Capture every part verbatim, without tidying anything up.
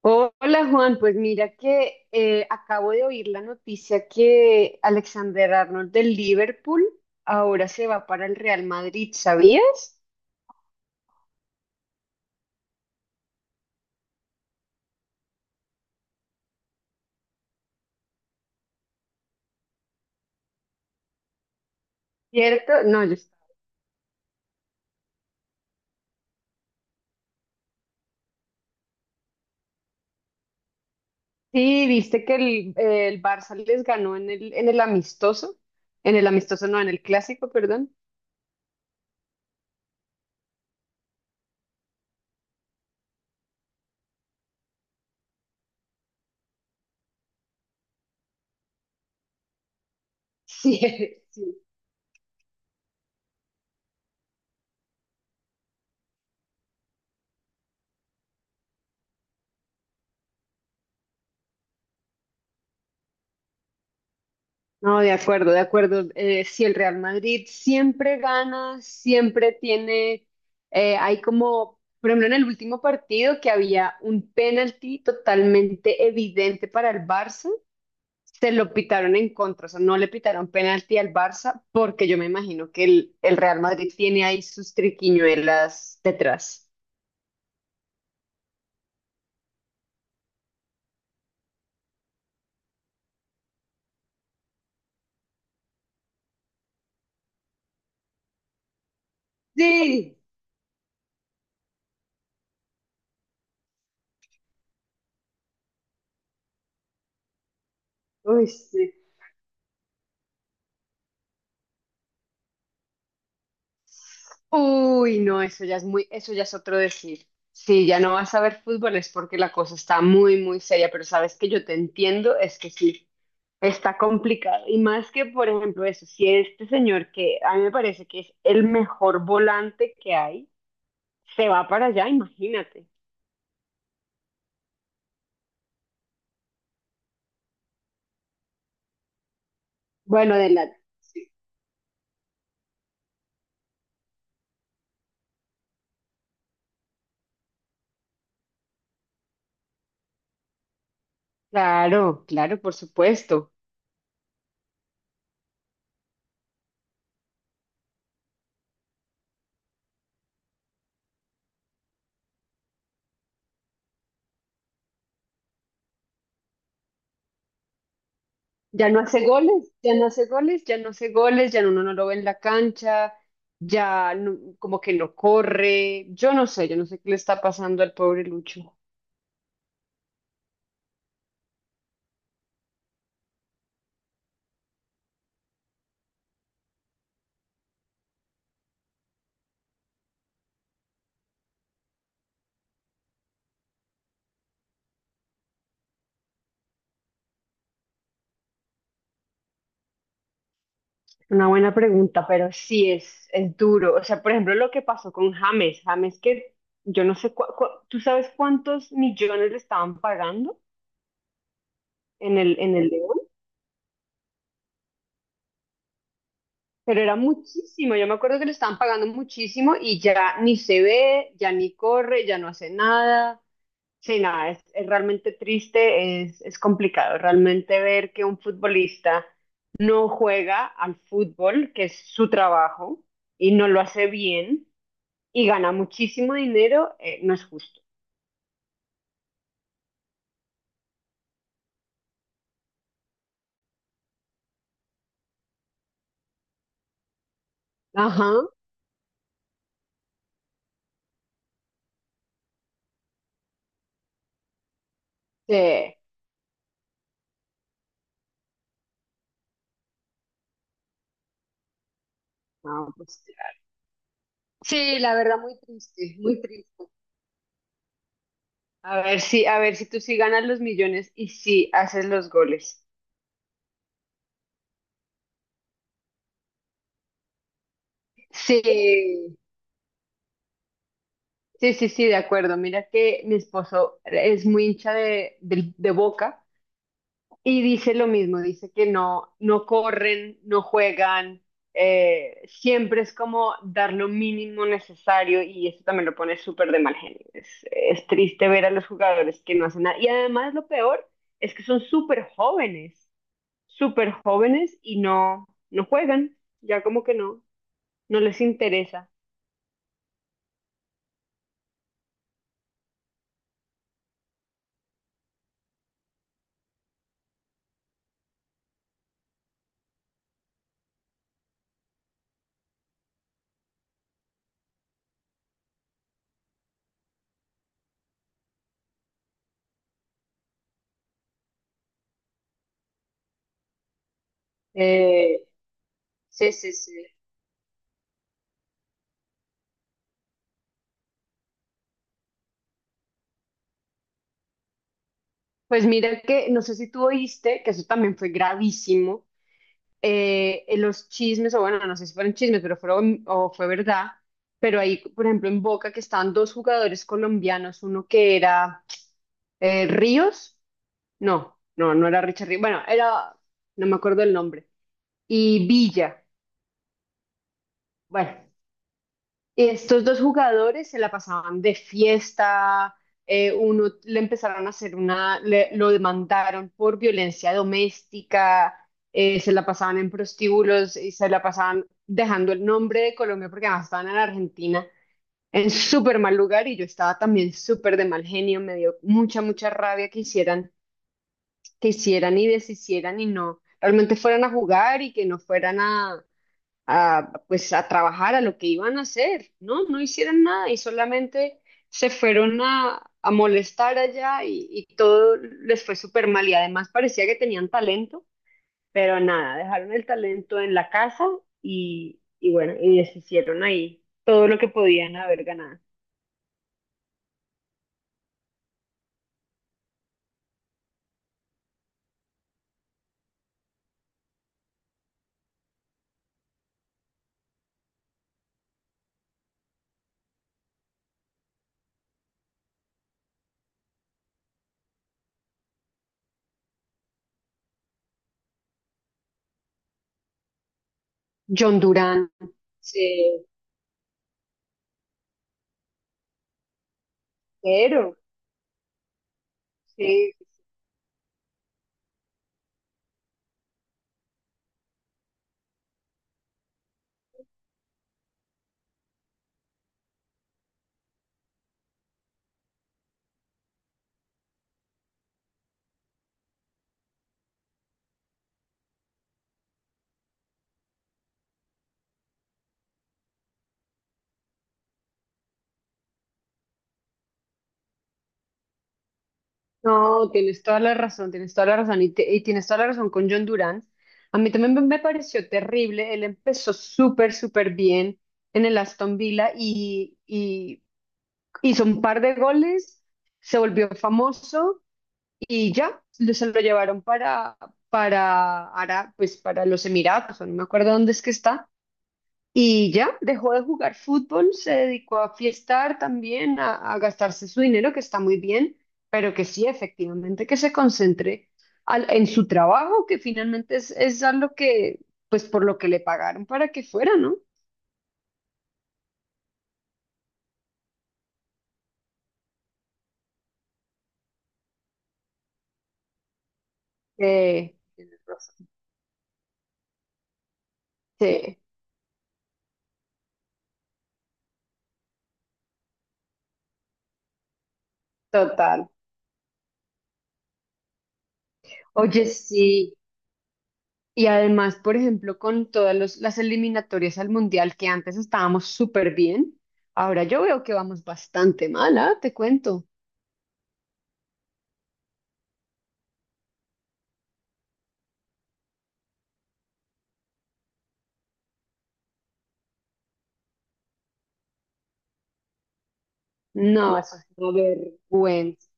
Hola Juan, pues mira que eh, acabo de oír la noticia que Alexander Arnold del Liverpool ahora se va para el Real Madrid, ¿sabías? ¿Cierto? No, yo sí, viste que el, eh, el Barça les ganó en el, en el amistoso, en el amistoso no, en el clásico, perdón. Sí, sí. No, de acuerdo, de acuerdo. Eh, si el Real Madrid siempre gana, siempre tiene, eh, hay como, por ejemplo, en el último partido que había un penalti totalmente evidente para el Barça, se lo pitaron en contra, o sea, no le pitaron penalti al Barça porque yo me imagino que el, el Real Madrid tiene ahí sus triquiñuelas detrás. Sí, uy, sí. Uy, no, eso ya es muy, eso ya es otro decir. Sí, ya no vas a ver fútbol es porque la cosa está muy, muy seria, pero sabes que yo te entiendo, es que sí, está complicado. Y más que, por ejemplo, eso, si este señor que a mí me parece que es el mejor volante que hay, se va para allá, imagínate. Bueno, de la... sí. Claro, claro, por supuesto. Ya no hace goles, ya no hace goles, ya no hace goles, ya uno no lo ve en la cancha, ya no, como que no corre. Yo no sé, yo no sé qué le está pasando al pobre Lucho. Una buena pregunta, pero sí es, es duro. O sea, por ejemplo, lo que pasó con James, James, que yo no sé, cua- cua- ¿tú sabes cuántos millones le estaban pagando en el, en el León? Pero era muchísimo, yo me acuerdo que le estaban pagando muchísimo y ya ni se ve, ya ni corre, ya no hace nada. Sí, no, es, es realmente triste, es, es complicado. Realmente ver que un futbolista no juega al fútbol, que es su trabajo, y no lo hace bien, y gana muchísimo dinero, eh, no es justo. Ajá. Sí, no, pues, claro. Sí, la verdad, muy triste, muy triste. A ver si, a ver si tú sí ganas los millones y sí haces los goles. Sí, sí, sí, sí, de acuerdo. Mira que mi esposo es muy hincha de, del, de Boca. Y dice lo mismo, dice que no, no corren, no juegan, eh, siempre es como dar lo mínimo necesario y eso también lo pone súper de mal genio. Es, es triste ver a los jugadores que no hacen nada. Y además lo peor es que son súper jóvenes, súper jóvenes y no, no juegan, ya como que no, no les interesa. Eh, Sí, sí, sí. Pues mira que, no sé si tú oíste, que eso también fue gravísimo. Eh, los chismes, o bueno, no sé si fueron chismes, pero fueron, o fue verdad, pero ahí, por ejemplo, en Boca que estaban dos jugadores colombianos, uno que era eh, Ríos, no, no, no era Richard Ríos, bueno, era, no me acuerdo el nombre, y Villa, bueno, estos dos jugadores se la pasaban de fiesta, eh, uno le empezaron a hacer una, le- lo demandaron por violencia doméstica, eh, se la pasaban en prostíbulos y se la pasaban dejando el nombre de Colombia porque además estaban en Argentina en súper mal lugar y yo estaba también súper de mal genio, me dio mucha, mucha rabia que hicieran, que hicieran y deshicieran y no, realmente fueran a jugar y que no fueran a a, pues a trabajar a lo que iban a hacer, ¿no? No hicieron nada y solamente se fueron a, a molestar allá y, y todo les fue súper mal y además parecía que tenían talento, pero nada, dejaron el talento en la casa y, y bueno, y deshicieron ahí todo lo que podían haber ganado. John Durán, sí, pero, sí. No, tienes toda la razón, tienes toda la razón y, te- y tienes toda la razón con John Durant. A mí también me me pareció terrible, él empezó súper, súper bien en el Aston Villa y, y hizo un par de goles, se volvió famoso y ya, lo- se lo llevaron para, para, Ara- pues para los Emiratos, o no me acuerdo dónde es que está. Y ya, dejó de jugar fútbol, se dedicó a fiestar también, a, a gastarse su dinero, que está muy bien, pero que sí, efectivamente, que se concentre al- en su trabajo, que finalmente es, es a lo que, pues por lo que le pagaron para que fuera, ¿no? Eh, Tienes razón. Sí, total. Oye, sí. Y además, por ejemplo, con todas los- las eliminatorias al mundial que antes estábamos súper bien, ahora yo veo que vamos bastante mal, ¿ah? Te cuento. No, eso es una vergüenza.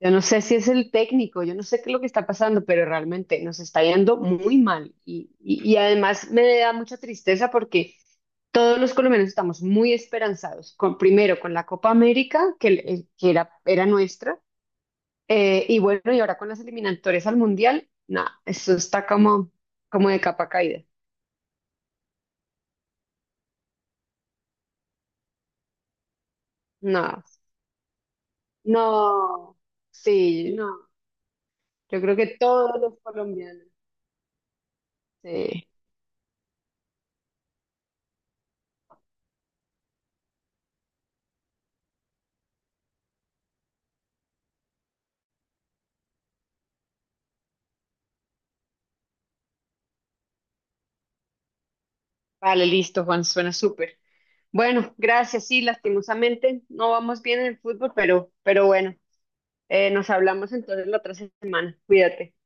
Yo no sé si es el técnico, yo no sé qué es lo que está pasando, pero realmente nos está yendo muy mal. Y, y, y además me da mucha tristeza porque todos los colombianos estamos muy esperanzados, con, primero con la Copa América, que, eh, que era, era nuestra, eh, y bueno, y ahora con las eliminatorias al Mundial, nada, eso está como, como de capa caída. No, no, sí, no. Yo creo que todos los colombianos. Sí. Vale, listo, Juan, suena súper. Bueno, gracias. Sí, lastimosamente no vamos bien en el fútbol, pero, pero bueno, eh, nos hablamos entonces la otra semana. Cuídate.